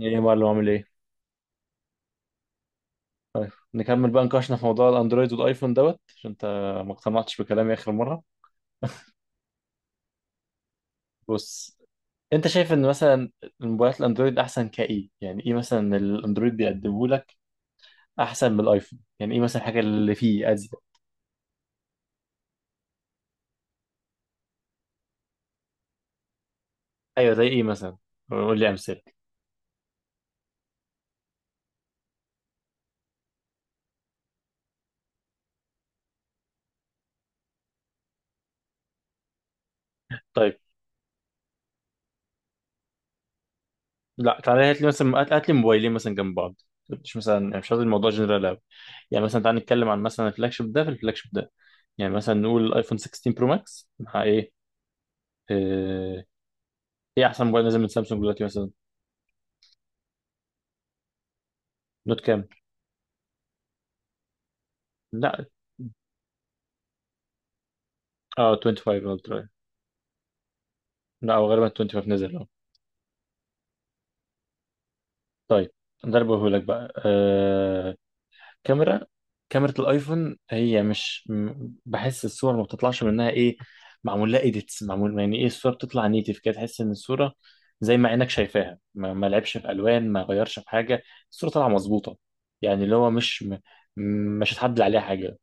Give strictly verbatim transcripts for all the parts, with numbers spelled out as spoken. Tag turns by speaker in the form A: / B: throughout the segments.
A: ايه يا معلم؟ عامل ايه؟ نكمل بقى نقاشنا في موضوع الاندرويد والايفون دوت، عشان انت ما اقتنعتش بكلامي اخر مره. بص، انت شايف ان مثلا الموبايلات الاندرويد احسن؟ كايه يعني؟ ايه مثلا الاندرويد بيقدمه لك احسن من الايفون؟ يعني ايه مثلا الحاجه اللي فيه ازيد؟ ايوه، زي ايه مثلا؟ قول لي امثله. طيب، لا تعالى هات لي مثلا، هات هات لي موبايلين مثلا جنب بعض. مش مثلا، يعني مش قصدي الموضوع جنرال قوي. يعني مثلا تعالى نتكلم عن مثلا الفلاج شيب ده. في الفلاج شيب ده يعني مثلا نقول الايفون ستة عشر برو ماكس مع ايه. آه، ايه احسن موبايل نازل من سامسونج دلوقتي مثلا؟ نوت كام؟ لا، اه خمسة وعشرين الترا. لا هو غالبا خمسة وعشرين نزل اه. طيب، ده اللي بقوله لك بقى آه... كاميرا. كاميرا الايفون، هي مش م- بحس الصور ما بتطلعش منها ايه، معمول لها ايديتس، معمول. يعني ايه، الصوره بتطلع نيتف كده، تحس ان الصوره زي ما عينك شايفاها، ما, ما لعبش في الوان، ما غيرش في حاجه، الصوره طالعه مظبوطه. يعني اللي هو مش م... مش هتعدل عليها حاجه.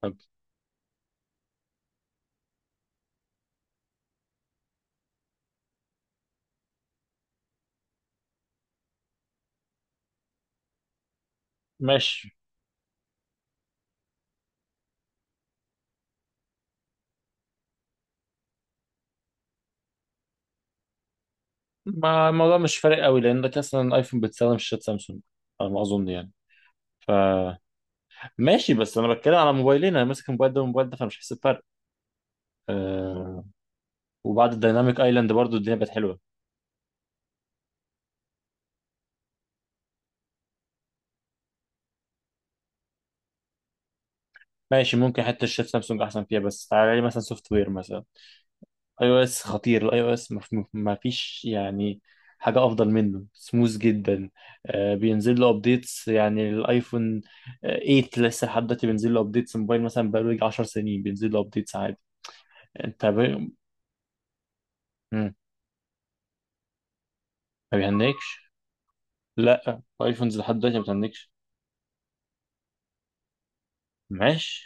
A: طب ماشي. ما الموضوع مش فارق قوي، لانك اصلا الايفون بتستخدم شاشة سامسونج على ما اظن يعني. ف ماشي، بس انا بتكلم على موبايلين، انا ماسك الموبايل ده والموبايل ده، فانا مش حاسس بفرق. أه، وبعد الديناميك ايلاند برضو الدنيا بقت حلوه. ماشي، ممكن حتى الشاشة سامسونج احسن فيها، بس تعالى لي مثلا سوفت وير مثلا. اي او اس خطير. الاي او اس ما في- ما فيش يعني حاجه افضل منه، سموث جدا. أه بينزل له ابديتس يعني الايفون آه، تمنية لسه لحد دلوقتي بينزل له ابديتس. موبايل مثلا بقاله يجي 10 سنين بينزل له ابديتس عادي. انت ب... ما بيهنكش؟ لا، الايفونز لحد دلوقتي ما بتهنكش. ماشي.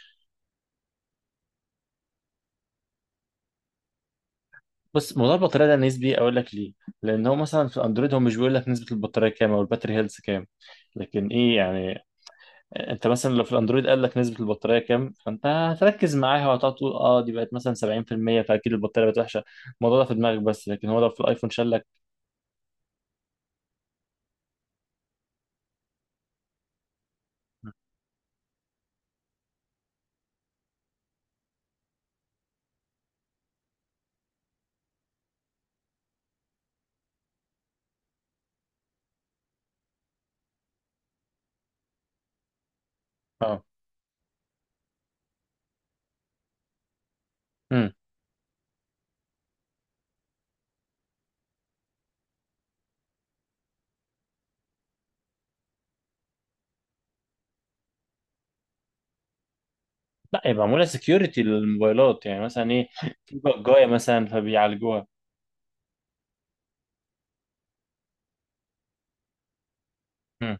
A: بس الموضوع البطاريه ده نسبي، اقول لك ليه. لان هو مثلا في الاندرويد هو مش بيقول لك نسبه البطاريه كام او الباتري هيلث كام، لكن ايه يعني. انت مثلا لو في الاندرويد قال لك نسبه البطاريه كام، فانت هتركز معاها، وهتقعد تقول اه دي بقت مثلا سبعين في المية، فاكيد البطاريه بقت وحشه. الموضوع ده في دماغك بس، لكن هو لو في الايفون شال لك. اه. امم لا، يبقى معموله سكيورتي للموبايلات، يعني مثلا ايه، في بجايه مثلا فبيعالجوها. مم.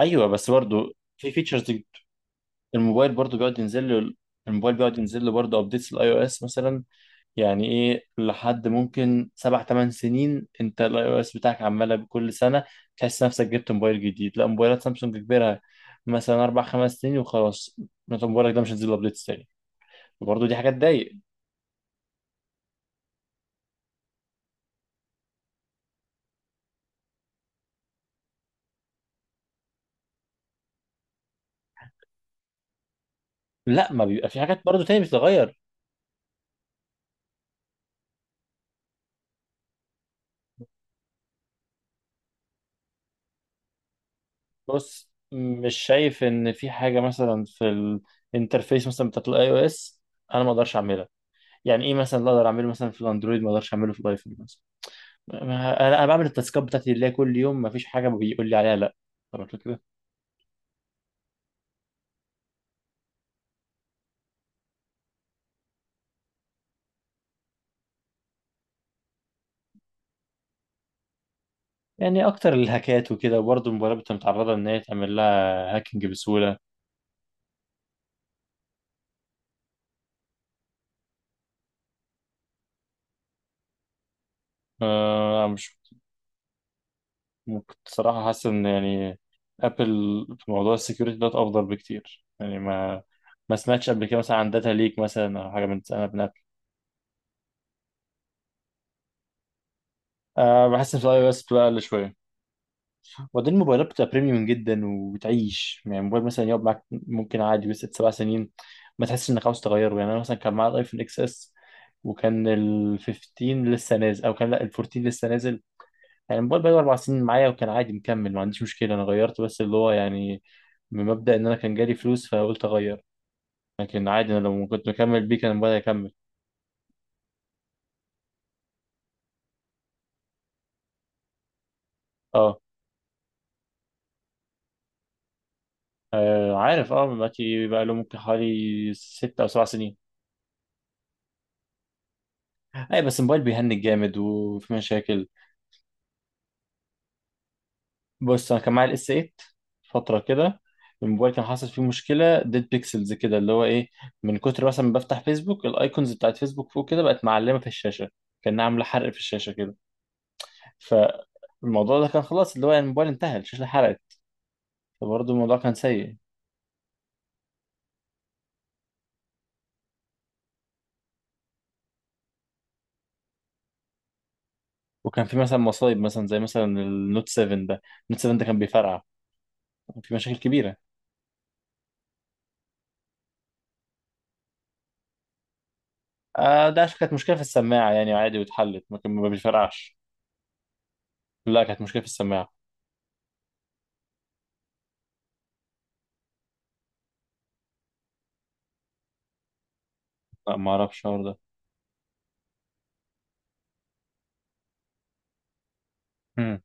A: ايوه، بس برضو في فيتشرز. الموبايل برضو بيقعد ينزل له، الموبايل بيقعد ينزل له برضه ابديتس الاي او اس مثلا. يعني ايه، لحد ممكن سبع ثمان سنين انت الاي او اس بتاعك عماله بكل سنه تحس نفسك جبت موبايل جديد. لا موبايلات سامسونج كبيرها مثلا اربع خمس سنين وخلاص، انت موبايلك ده مش هينزل له ابديتس تاني. برضه دي حاجات تضايق. لا، ما بيبقى في حاجات برضه تاني بتتغير. بص، مش شايف ان في حاجه مثلا في الانترفيس مثلا بتاعت الاي او اس انا ما اقدرش اعملها. يعني ايه مثلا اللي اقدر اعمله مثلا في الاندرويد ما اقدرش اعمله في الايفون مثلا؟ ما- انا أنا بعمل التاسكات بتاعتي اللي هي كل يوم، ما فيش حاجه بيقول لي عليها لا. طب الفكره، يعني اكتر الهاكات وكده وبرضه الموبايلات بتبقى متعرضه ان هي تعمل لها هاكينج بسهوله. آه، مش ممكن صراحه. حاسس ان يعني ابل في موضوع السكيورتي ده افضل بكتير، يعني ما ما سمعتش قبل كده مثلا عن داتا ليك مثلا او حاجه من سنه من ابل. آه، بحس ان في اي او اس بتبقى اقل شويه. وبعدين الموبايلات بتبقى بريميوم جدا وبتعيش، يعني موبايل مثلا يقعد معاك ممكن عادي بس ست سبع سنين ما تحسش انك عاوز تغيره. يعني انا مثلا كان معايا الايفون اكس اس، وكان ال خمسة عشر لسه نازل، او كان لا ال اربعة عشر لسه نازل. يعني الموبايل بقاله اربع سنين معايا، وكان عادي مكمل، ما عنديش مشكله. انا غيرت بس اللي هو يعني من مبدا ان انا كان جالي فلوس فقلت اغير، لكن عادي انا لو كنت مكمل بيه كان الموبايل هيكمل. اه. آه، عارف، اه دلوقتي بقى له ممكن حوالي ست او سبع سنين. اي، بس الموبايل بيهنج جامد وفي مشاكل. بص انا كان معايا الاس تمنية فتره كده، الموبايل كان حاصل فيه مشكله ديد بيكسلز كده، اللي هو ايه، من كتر مثلا ما بفتح فيسبوك الايكونز بتاعت فيسبوك فوق كده بقت معلمه في الشاشه، كان عامله حرق في الشاشه كده. فالموضوع ده كان خلاص، اللي هو يعني الموبايل انتهى، الشاشه حرقت. فبرضه الموضوع كان سيء. وكان في مثلا مصايب مثلا زي مثلا النوت سبعة ده، النوت سبعة ده كان بيفرقع، كان في مشاكل كبيره. آه، ده عشان كانت مشكله في السماعه، يعني عادي واتحلت، ما كان ما بيفرقعش. لا كانت مشكله في السماعه. لا ما اعرفش الحوار ده.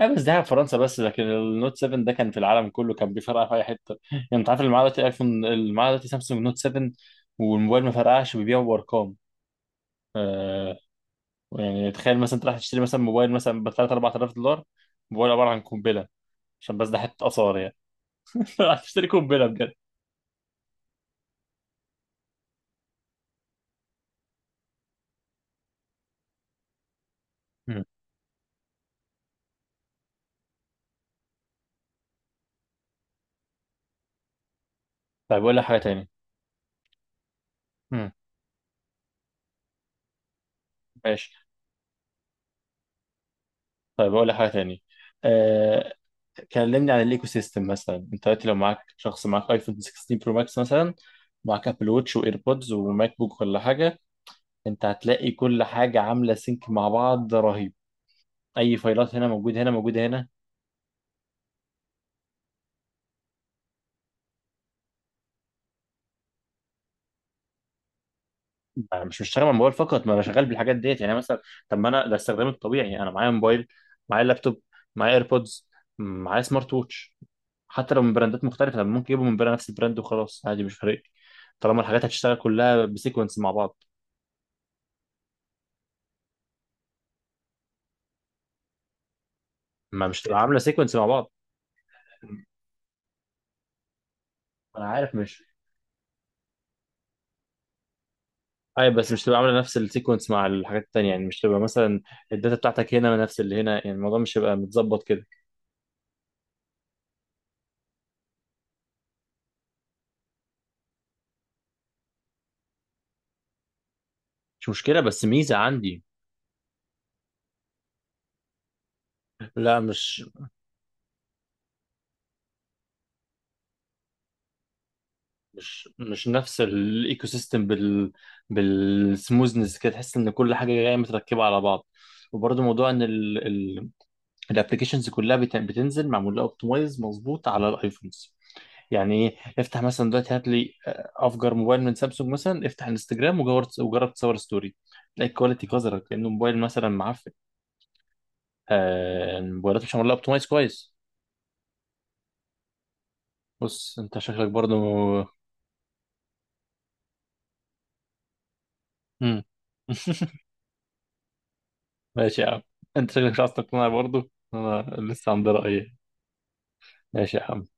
A: ايوه بس ده في فرنسا بس، لكن النوت سبعة ده كان في العالم كله كان بيفرقع في اي حته، يعني انت عارف اللي معاه دلوقتي ايفون اللي معاه دلوقتي سامسونج نوت سبعة والموبايل ما فرقعش بيبيعه بارقام. آه، يعني تخيل مثلا انت رايح تشتري مثلا موبايل مثلا ب ثلاثة أربعة آلاف دولار، موبايل عباره عن قنبله، عشان بس ده حته اثار يعني. رايح تشتري قنبله بجد. مم. طيب اقول لك حاجه تاني. مم. ماشي، طيب اقول لك حاجه تاني. آه، كلمني عن الايكو سيستم مثلا. انت دلوقتي لو معاك شخص معاك ايفون ستة عشر برو ماكس مثلا، معاك ابل ووتش وايربودز وماك بوك ولا حاجه، انت هتلاقي كل حاجه عامله سينك مع بعض رهيب. اي فايلات هنا موجوده، هنا موجوده، هنا. انا مش بشتغل على الموبايل فقط، ما انا شغال بالحاجات ديت يعني مثلا. طب ما انا ده استخدامي الطبيعي، انا معايا موبايل، معايا لابتوب، معايا ايربودز، معايا سمارت ووتش. حتى لو من براندات مختلفه، طب ممكن يجيبوا من براند، نفس البراند وخلاص، عادي مش فارق لي. طالما الحاجات هتشتغل كلها بسيكونس مع بعض. ما مش تبقى عامله سيكونس مع بعض. انا عارف، مش اي، بس مش تبقى عامله نفس السيكونس مع الحاجات التانية. يعني مش تبقى مثلا الداتا بتاعتك هنا نفس اللي هنا، يعني الموضوع مش هيبقى متظبط كده. مش مشكله، بس ميزه عندي. لا، مش مش مش نفس الايكو سيستم بال بالسموزنس كده، تحس ان كل حاجه جايه متركبه على بعض. وبرضه موضوع ان الابلكيشنز كلها بت- بتنزل معمول لها اوبتمايز مظبوط على الايفونز. يعني ايه، افتح مثلا دلوقتي، هات لي آه، افجر موبايل من سامسونج مثلا، افتح انستجرام وجرب، وجرب تصور ستوري، تلاقي الكواليتي قذرت لانه موبايل مثلا معفن. آه، الموبايلات مش معمول لها اوبتمايز كويس. بص، انت شكلك برضه مم. ماشي يا عم، انت شكلك مش عايز تقتنع برضه. انا لسه عندي رأيي. ماشي يا عم.